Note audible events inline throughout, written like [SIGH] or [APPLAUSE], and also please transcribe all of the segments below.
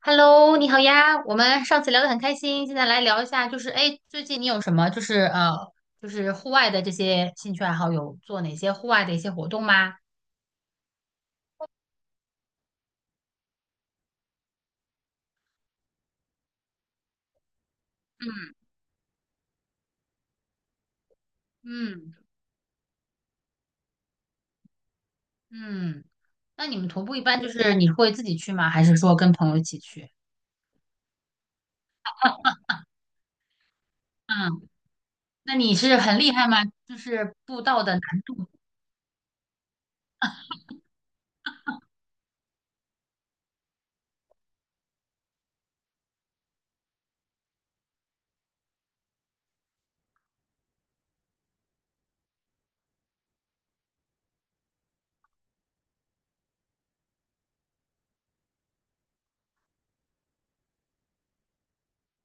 Hello，你好呀，我们上次聊得很开心，现在来聊一下，就是哎，诶最近你有什么就是就是户外的这些兴趣爱好，有做哪些户外的一些活动吗？嗯嗯，嗯。那你们徒步一般就是你会自己去吗？还是说跟朋友一起去？[LAUGHS] 嗯，那你是很厉害吗？就是步道的难度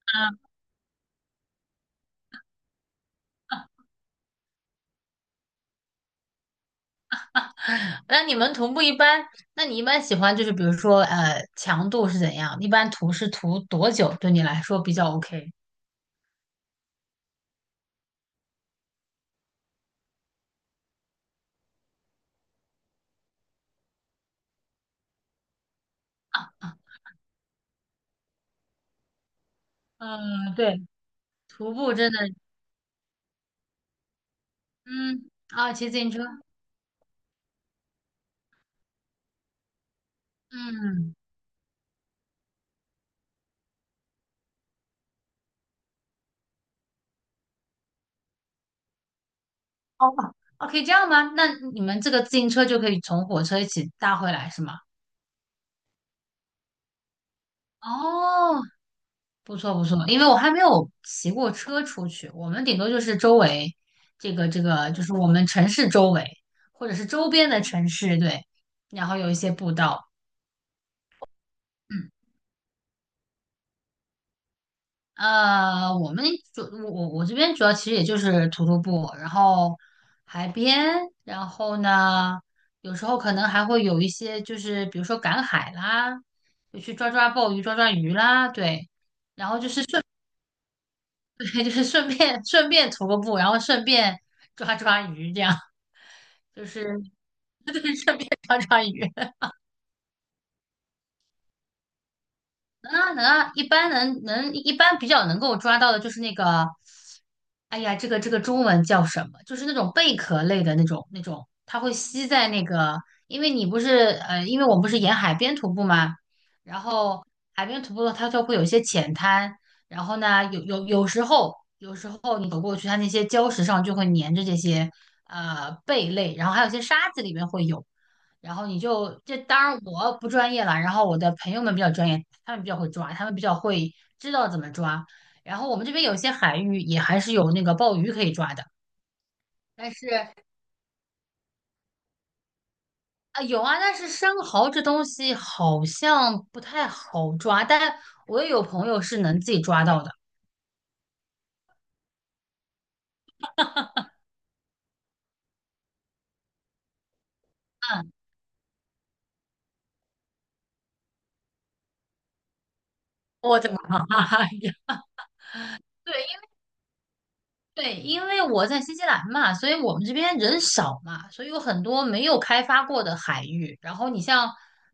啊，那你们徒步一般，那你一般喜欢就是比如说强度是怎样？一般徒是徒多久？对你来说比较 OK？啊嗯，对。徒步真的，嗯，啊，骑自行车，嗯，哦,可以这样吗？那你们这个自行车就可以从火车一起搭回来是吗？哦，不错不错，因为我还没有骑过车出去，我们顶多就是周围，这个就是我们城市周围，或者是周边的城市，对，然后有一些步道，嗯。呃，我们主我我我这边主要其实也就是徒步，然后海边，然后呢，有时候可能还会有一些就是比如说赶海啦，就去抓抓鲍鱼、抓抓鱼啦，对 [LAUGHS] 对，就是顺便徒个步，然后顺便抓抓鱼，这样就是 [LAUGHS] 顺便抓抓鱼。能啊能啊，一般能一般比较能够抓到的就是那个，哎呀，这个中文叫什么？就是那种贝壳类的那种，它会吸在那个，因为你不是因为我们不是沿海边徒步嘛，然后海边徒步的话它就会有一些浅滩，然后呢，有时候你走过去，它那些礁石上就会粘着这些贝类，然后还有一些沙子里面会有。然后你就这当然我不专业啦，然后我的朋友们比较专业，他们比较会抓，他们比较会知道怎么抓。然后我们这边有些海域也还是有那个鲍鱼可以抓的，但是啊有啊，但是生蚝这东西好像不太好抓，但我也有朋友是能自己抓到的。嗯，我的妈呀！[LAUGHS] 对，因为我在新西兰嘛，所以我们这边人少嘛，所以有很多没有开发过的海域。然后你像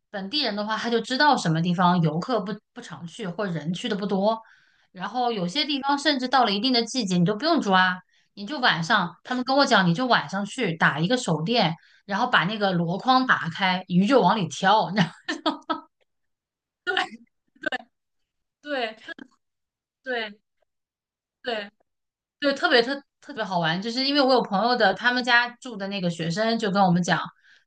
本地人的话，他就知道什么地方游客不常去，或者人去的不多。然后有些地方甚至到了一定的季节，你都不用抓，你就晚上，他们跟我讲，你就晚上去打一个手电，然后把那个箩筐打开，鱼就往里跳。[LAUGHS] 对对对，对，特别好玩，就是因为我有朋友的，他们家住的那个学生就跟我们讲，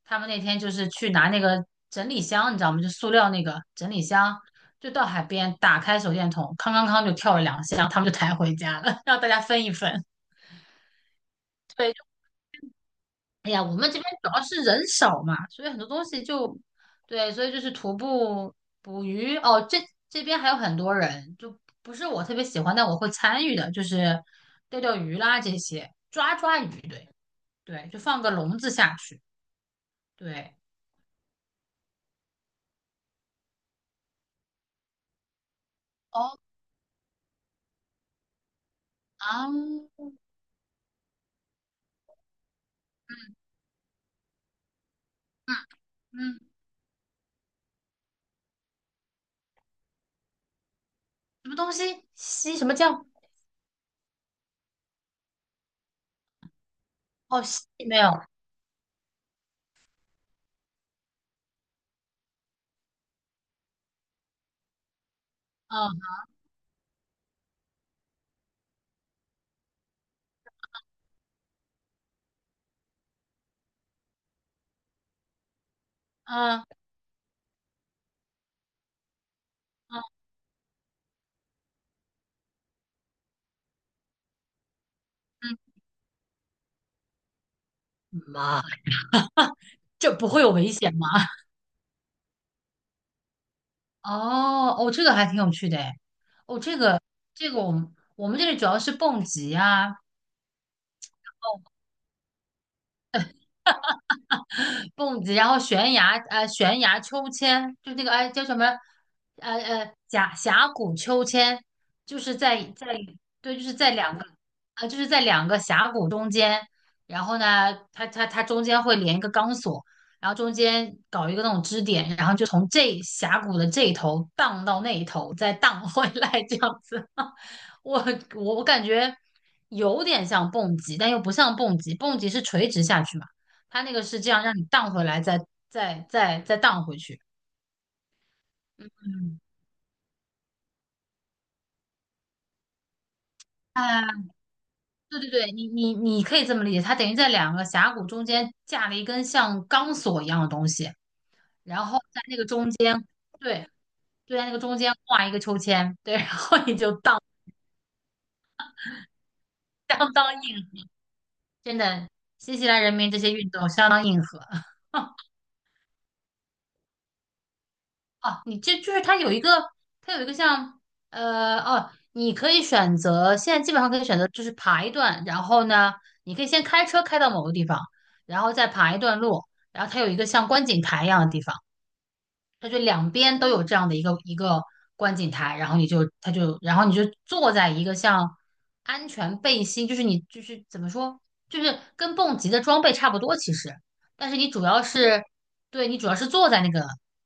他们那天就是去拿那个整理箱，你知道吗？就塑料那个整理箱，就到海边打开手电筒，康康康就跳了两下，他们就抬回家了，[LAUGHS] 让大家分一分。对，就哎呀，我们这边主要是人少嘛，所以很多东西就对，所以就是徒步、捕鱼哦，这边还有很多人，就不是我特别喜欢，但我会参与的，就是钓钓鱼啦这些，抓抓鱼，对。对，就放个笼子下去。对，哦啊，嗯嗯，什么东西？吸什么酱？哦，吸没有。嗯嗯嗯嗯，妈，这不会有危险吗？[LAUGHS] 哦哦，这个还挺有趣的诶。哦，这个我们我们这里主要是蹦极啊，蹦极，然后悬崖，悬崖秋千，就那个，哎，叫什么？峡谷秋千，就是在对，就是在两个，就是在两个峡谷中间，然后呢，它中间会连一个钢索，然后中间搞一个那种支点，然后就从这峡谷的这一头荡到那一头，再荡回来这样子。[LAUGHS] 我我感觉有点像蹦极，但又不像蹦极，蹦极是垂直下去嘛。它那个是这样让你荡回来，再再荡回去。嗯，啊，对对对，你可以这么理解，它等于在两个峡谷中间架了一根像钢索一样的东西，然后在那个中间，对，就在那个中间挂一个秋千，对，然后你就荡，相当硬核真的，新西兰人民这些运动相当硬核。[LAUGHS] 哦，你这就是它有一个，它有一个像你可以选择，现在基本上可以选择就是爬一段，然后呢，你可以先开车开到某个地方，然后再爬一段路，然后它有一个像观景台一样的地方。它就两边都有这样的一个观景台，然后你就它就然后你就坐在一个像安全背心，就是你就是怎么说，就是跟蹦极的装备差不多其实，但是你主要是对你主要是坐在那个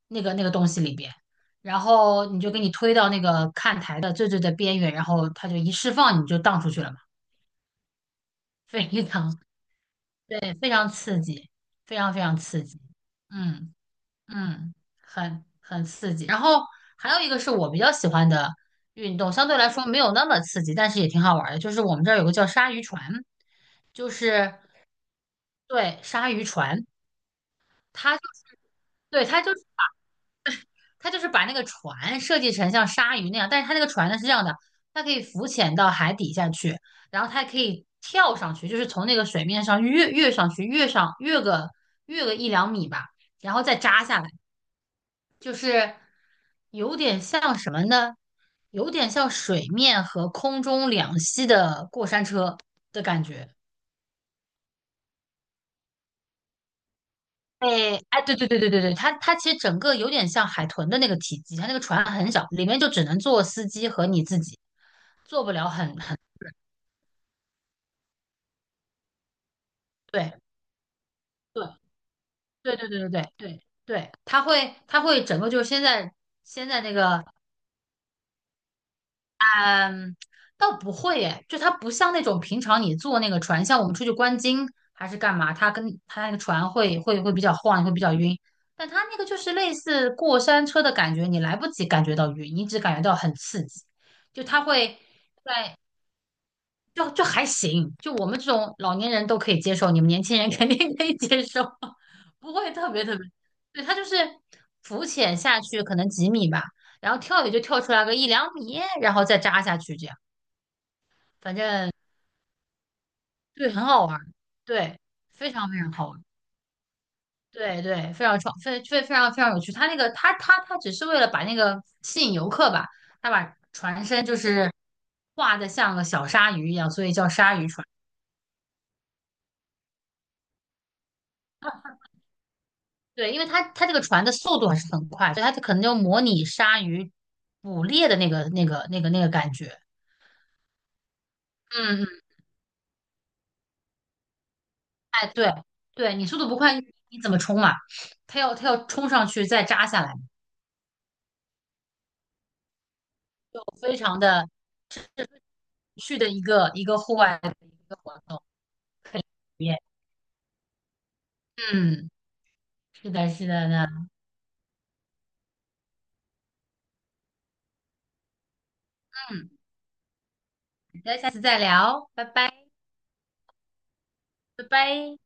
那个那个东西里边，然后你就给你推到那个看台的最的边缘，然后它就一释放你就荡出去了嘛，非常 [LAUGHS] 对非常刺激，非常非常刺激，嗯。嗯，很很刺激。然后还有一个是我比较喜欢的运动，相对来说没有那么刺激，但是也挺好玩儿的。就是我们这儿有个叫鲨鱼船，就是对鲨鱼船，它就是对它就是把那个船设计成像鲨鱼那样，但是它那个船呢是这样的，它可以浮潜到海底下去，然后它还可以跳上去，就是从那个水面上跃上去，跃个一两米吧，然后再扎下来。就是有点像什么呢？有点像水面和空中两栖的过山车的感觉。哎哎，对对对对对对，它它其实整个有点像海豚的那个体积，它那个船很小，里面就只能坐司机和你自己，坐不了很对对对对对对对对对，它会整个就是现在现在那个倒不会诶，就它不像那种平常你坐那个船，像我们出去观鲸还是干嘛，它跟它那个船会比较晃，会比较晕。但它那个就是类似过山车的感觉，你来不及感觉到晕，你只感觉到很刺激。就它会在就还行，就我们这种老年人都可以接受，你们年轻人肯定可以接受，[LAUGHS] 不会特别特别。对，它就是浮潜下去可能几米吧，然后跳也就跳出来个一两米，然后再扎下去这样。反正对，很好玩儿，对，非常非常好玩儿，对对，非常创，非常非常有趣。他那个，他只是为了把那个吸引游客吧，他把船身就是画的像个小鲨鱼一样，所以叫鲨鱼船。对，因为它这个船的速度还是很快，所以它可能就模拟鲨鱼捕猎的那个感觉。嗯嗯，哎，对对，你速度不快，你你怎么冲嘛？它要冲上去再扎下来，非常的有趣的一个户外的一个活动。很耶。嗯，是的，是的呢。嗯，那下次再聊，拜拜，拜拜。